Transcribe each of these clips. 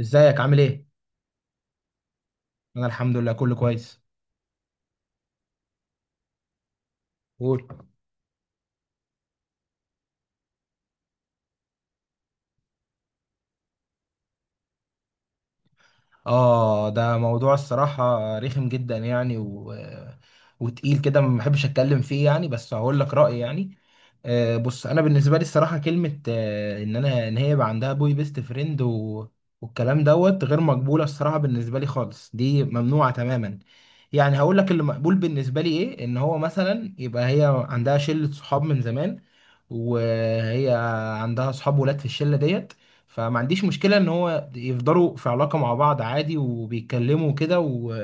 ازيك عامل ايه؟ انا الحمد لله كله كويس. قول. اه، ده موضوع الصراحة رخم جدا يعني و... وتقيل كده، ما بحبش اتكلم فيه يعني، بس هقول لك رأيي يعني. بص، انا بالنسبة لي الصراحة كلمة ان ان هي يبقى عندها بوي بيست فريند و... والكلام دوت غير مقبولة الصراحة، بالنسبة لي خالص دي ممنوعة تماما. يعني هقول لك اللي مقبول بالنسبة لي ايه، ان هو مثلا يبقى هي عندها شلة صحاب من زمان وهي عندها صحاب ولاد في الشلة ديت. فما عنديش مشكلة ان هو يفضلوا في علاقة مع بعض عادي، وبيتكلموا كده و...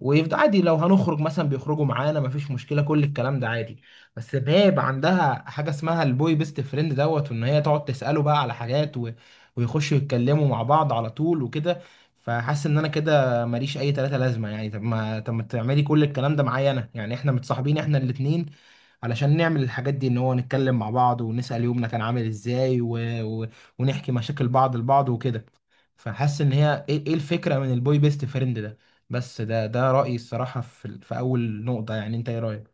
ويفضل عادي، لو هنخرج مثلا بيخرجوا معانا مفيش مشكلة، كل الكلام ده عادي. بس ان هي يبقى عندها حاجة اسمها البوي بيست فريند دوت، وان هي تقعد تسأله بقى على حاجات و... ويخشوا يتكلموا مع بعض على طول وكده. فحاسس ان انا كده ماليش اي تلاتة لازمة يعني، طب ما تعملي كل الكلام ده معايا انا يعني؟ احنا متصاحبين احنا الاتنين علشان نعمل الحاجات دي، ان هو نتكلم مع بعض ونسأل يومنا كان عامل ازاي و... ونحكي مشاكل بعض لبعض وكده. فحاسس ان هي، إيه الفكرة من البوي بيست فريند ده؟ بس ده رأيي الصراحة في في اول نقطة يعني. انت ايه رأيك؟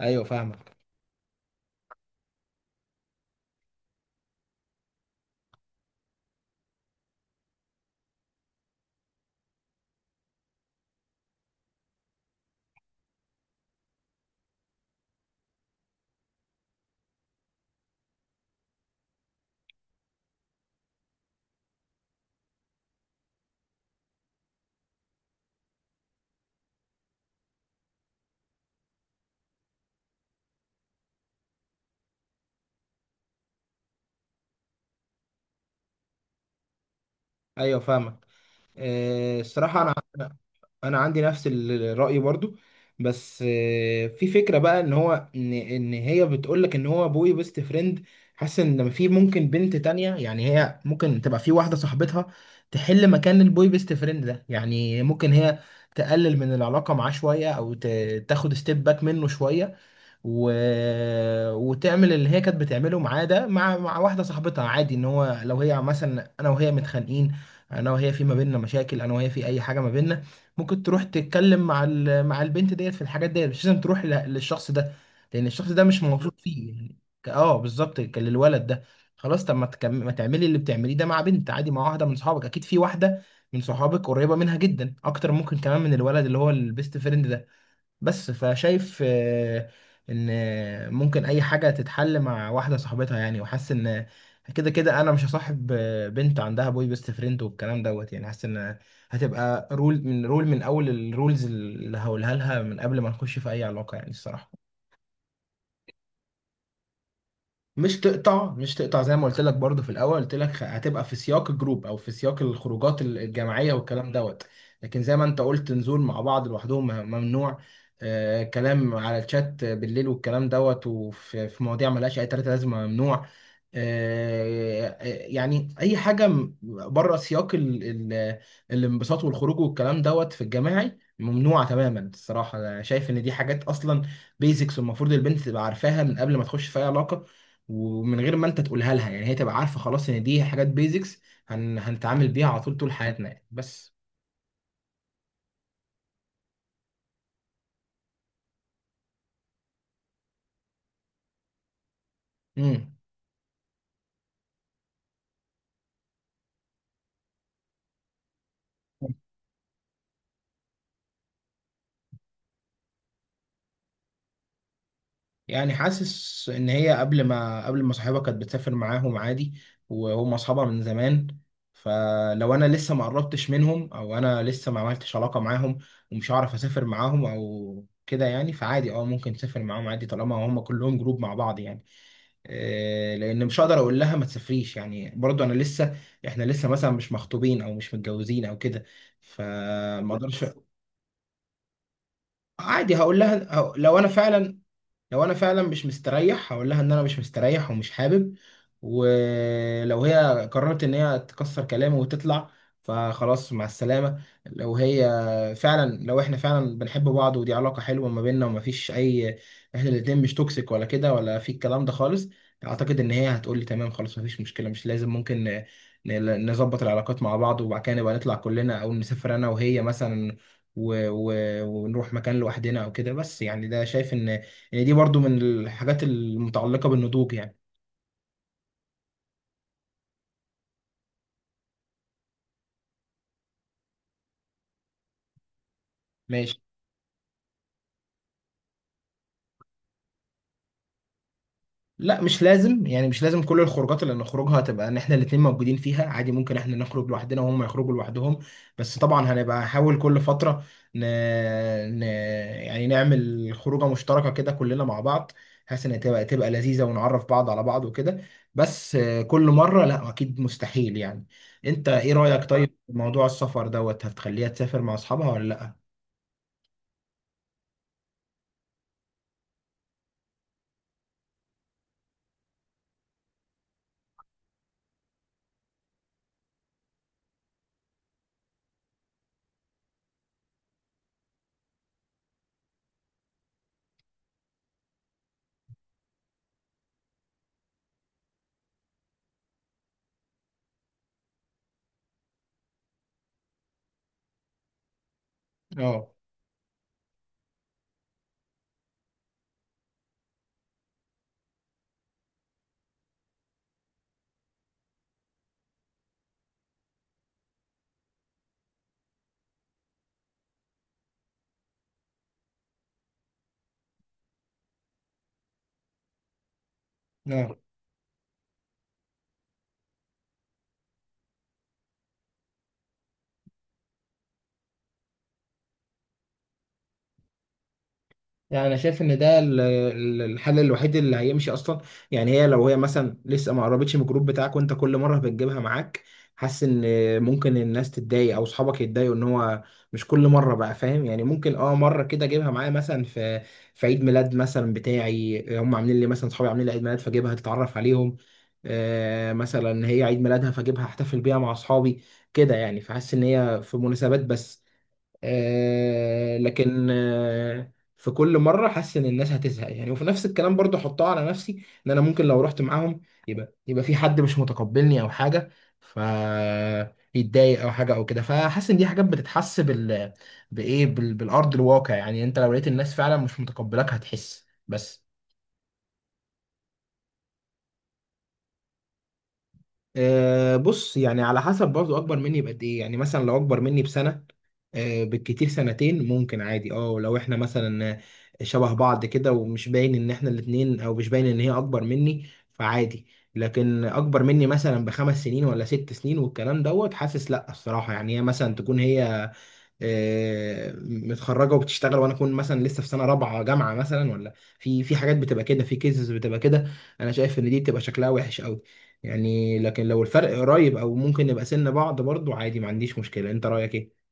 ايوه، فاهمك. ايوه، فاهمك. إيه الصراحة انا عندي نفس الرأي برضو. بس في فكرة بقى ان هو ان هي بتقول لك ان هو بوي بيست فريند. حاسس ان لما في ممكن بنت تانية يعني، هي ممكن تبقى في واحدة صاحبتها تحل مكان البوي بيست فريند ده. يعني ممكن هي تقلل من العلاقة معاه شوية او تاخد ستيب باك منه شوية و... وتعمل اللي هي كانت بتعمله معاه ده مع واحده صاحبتها عادي. ان هو لو هي مثلا، انا وهي متخانقين، انا وهي في ما بيننا مشاكل، انا وهي في اي حاجه ما بيننا، ممكن تروح تتكلم مع مع البنت ديت في الحاجات ديت، مش لازم تروح للشخص ده، لان الشخص ده مش موثوق فيه يعني. اه، بالظبط، كان للولد ده. خلاص، طب ما تعملي اللي بتعمليه ده مع بنت عادي، مع واحده من صحابك، اكيد في واحده من صحابك قريبه منها جدا، اكتر ممكن كمان من الولد اللي هو البيست فريند ده. بس فشايف ان ممكن اي حاجه تتحل مع واحده صاحبتها يعني، وحاسس ان كده كده انا مش هصاحب بنت عندها بوي بيست فريند والكلام دوت يعني. حاسس ان هتبقى رول من رول من اول الرولز اللي هقولها لها من قبل ما نخش في اي علاقه يعني الصراحه. مش تقطع، مش تقطع زي ما قلت لك برضو في الاول، قلت لك، هتبقى في سياق الجروب، او في سياق الخروجات الجماعيه والكلام دوت. لكن زي ما انت قلت، نزول مع بعض لوحدهم ممنوع. آه، كلام على الشات بالليل والكلام دوت، وفي مواضيع ملهاش اي تلاته لازمه ممنوع. آه، يعني اي حاجه بره سياق ال ال الانبساط والخروج والكلام دوت في الجماعي، ممنوعه تماما الصراحه. انا شايف ان دي حاجات اصلا بيزكس المفروض البنت تبقى عارفاها من قبل ما تخش في اي علاقه، ومن غير ما انت تقولها لها يعني، هي تبقى عارفه خلاص ان دي حاجات بيزكس هنتعامل بيها على طول طول حياتنا يعني. بس. امم يعني حاسس ان هي، قبل ما صاحبها كانت بتسافر معاهم عادي، وهم اصحابها من زمان. فلو انا لسه ما قربتش منهم، او انا لسه ما عملتش علاقه معاهم، ومش هعرف اسافر معاهم او كده يعني، فعادي اه، ممكن تسافر معاهم عادي طالما هم كلهم جروب مع بعض يعني. لان مش هقدر اقول لها ما تسافريش يعني، برضو انا لسه احنا لسه مثلا مش مخطوبين او مش متجوزين او كده، فما اقدرش. عادي هقول لها، لو انا فعلا مش مستريح، هقول لها ان انا مش مستريح ومش حابب. ولو هي قررت ان هي تكسر كلامي وتطلع، فخلاص مع السلامة. لو احنا فعلا بنحب بعض، ودي علاقة حلوة ما بيننا ومفيش اي، احنا الاتنين مش توكسيك ولا كده ولا في الكلام ده خالص، اعتقد ان هي هتقول لي تمام خلاص مفيش مشكلة، مش لازم، ممكن نظبط العلاقات مع بعض، وبعد كده نبقى نطلع كلنا، او نسافر انا وهي مثلا و... و... ونروح مكان لوحدنا او كده. بس يعني ده، شايف ان، يعني دي برضو من الحاجات المتعلقة بالنضوج يعني. ماشي. لا، مش لازم يعني، مش لازم كل الخروجات اللي نخرجها تبقى ان احنا الاتنين موجودين فيها، عادي ممكن احنا نخرج لوحدنا وهم يخرجوا لوحدهم. بس طبعا هنبقى نحاول كل فترة ن... ن... يعني نعمل خروجة مشتركة كده كلنا مع بعض، بحيث ان تبقى لذيذة ونعرف بعض على بعض وكده. بس كل مرة لا، اكيد مستحيل يعني. انت ايه رأيك طيب في موضوع السفر دوت؟ هتخليها تسافر مع اصحابها ولا لا؟ اه، يعني انا شايف ان ده الحل الوحيد اللي هيمشي اصلا يعني. لو هي مثلا لسه ما قربتش من الجروب بتاعك، وانت كل مره بتجيبها معاك، حاسس ان ممكن الناس تتضايق او اصحابك يتضايقوا، ان هو مش كل مره بقى فاهم يعني. ممكن اه، مره كده اجيبها معايا مثلا في عيد ميلاد مثلا بتاعي، هم عاملين لي مثلا، اصحابي عاملين لي عيد ميلاد فاجيبها تتعرف عليهم. آه مثلا هي عيد ميلادها، فاجيبها احتفل بيها مع اصحابي كده يعني. فحاسس ان هي في مناسبات بس. لكن في كل مره حاسس ان الناس هتزهق يعني. وفي نفس الكلام برضو احطها على نفسي، ان انا ممكن لو رحت معاهم، يبقى في حد مش متقبلني او حاجه، فيتضايق او حاجه او كده. فحاسس ان دي حاجات بتتحس بال، بايه، بالارض الواقع يعني، انت لو لقيت الناس فعلا مش متقبلاك هتحس. بس. أه بص، يعني على حسب برضه اكبر مني بقد ايه يعني. مثلا لو اكبر مني بسنه، أه بالكتير سنتين، ممكن عادي. اه لو احنا مثلا شبه بعض كده ومش باين ان احنا الاتنين، او مش باين ان هي اكبر مني، فعادي. لكن اكبر مني مثلا ب5 سنين ولا 6 سنين والكلام دوت، حاسس لا الصراحه. يعني هي مثلا تكون هي متخرجه وبتشتغل، وانا اكون مثلا لسه في سنه رابعه جامعه مثلا، ولا في حاجات بتبقى كده، في كيسز بتبقى كده. انا شايف ان دي بتبقى شكلها وحش قوي يعني. لكن لو الفرق قريب او ممكن نبقى سن بعض، برضو عادي ما عنديش مشكله. انت رايك ايه؟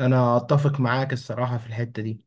انا اتفق معاك الصراحه في الحته دي.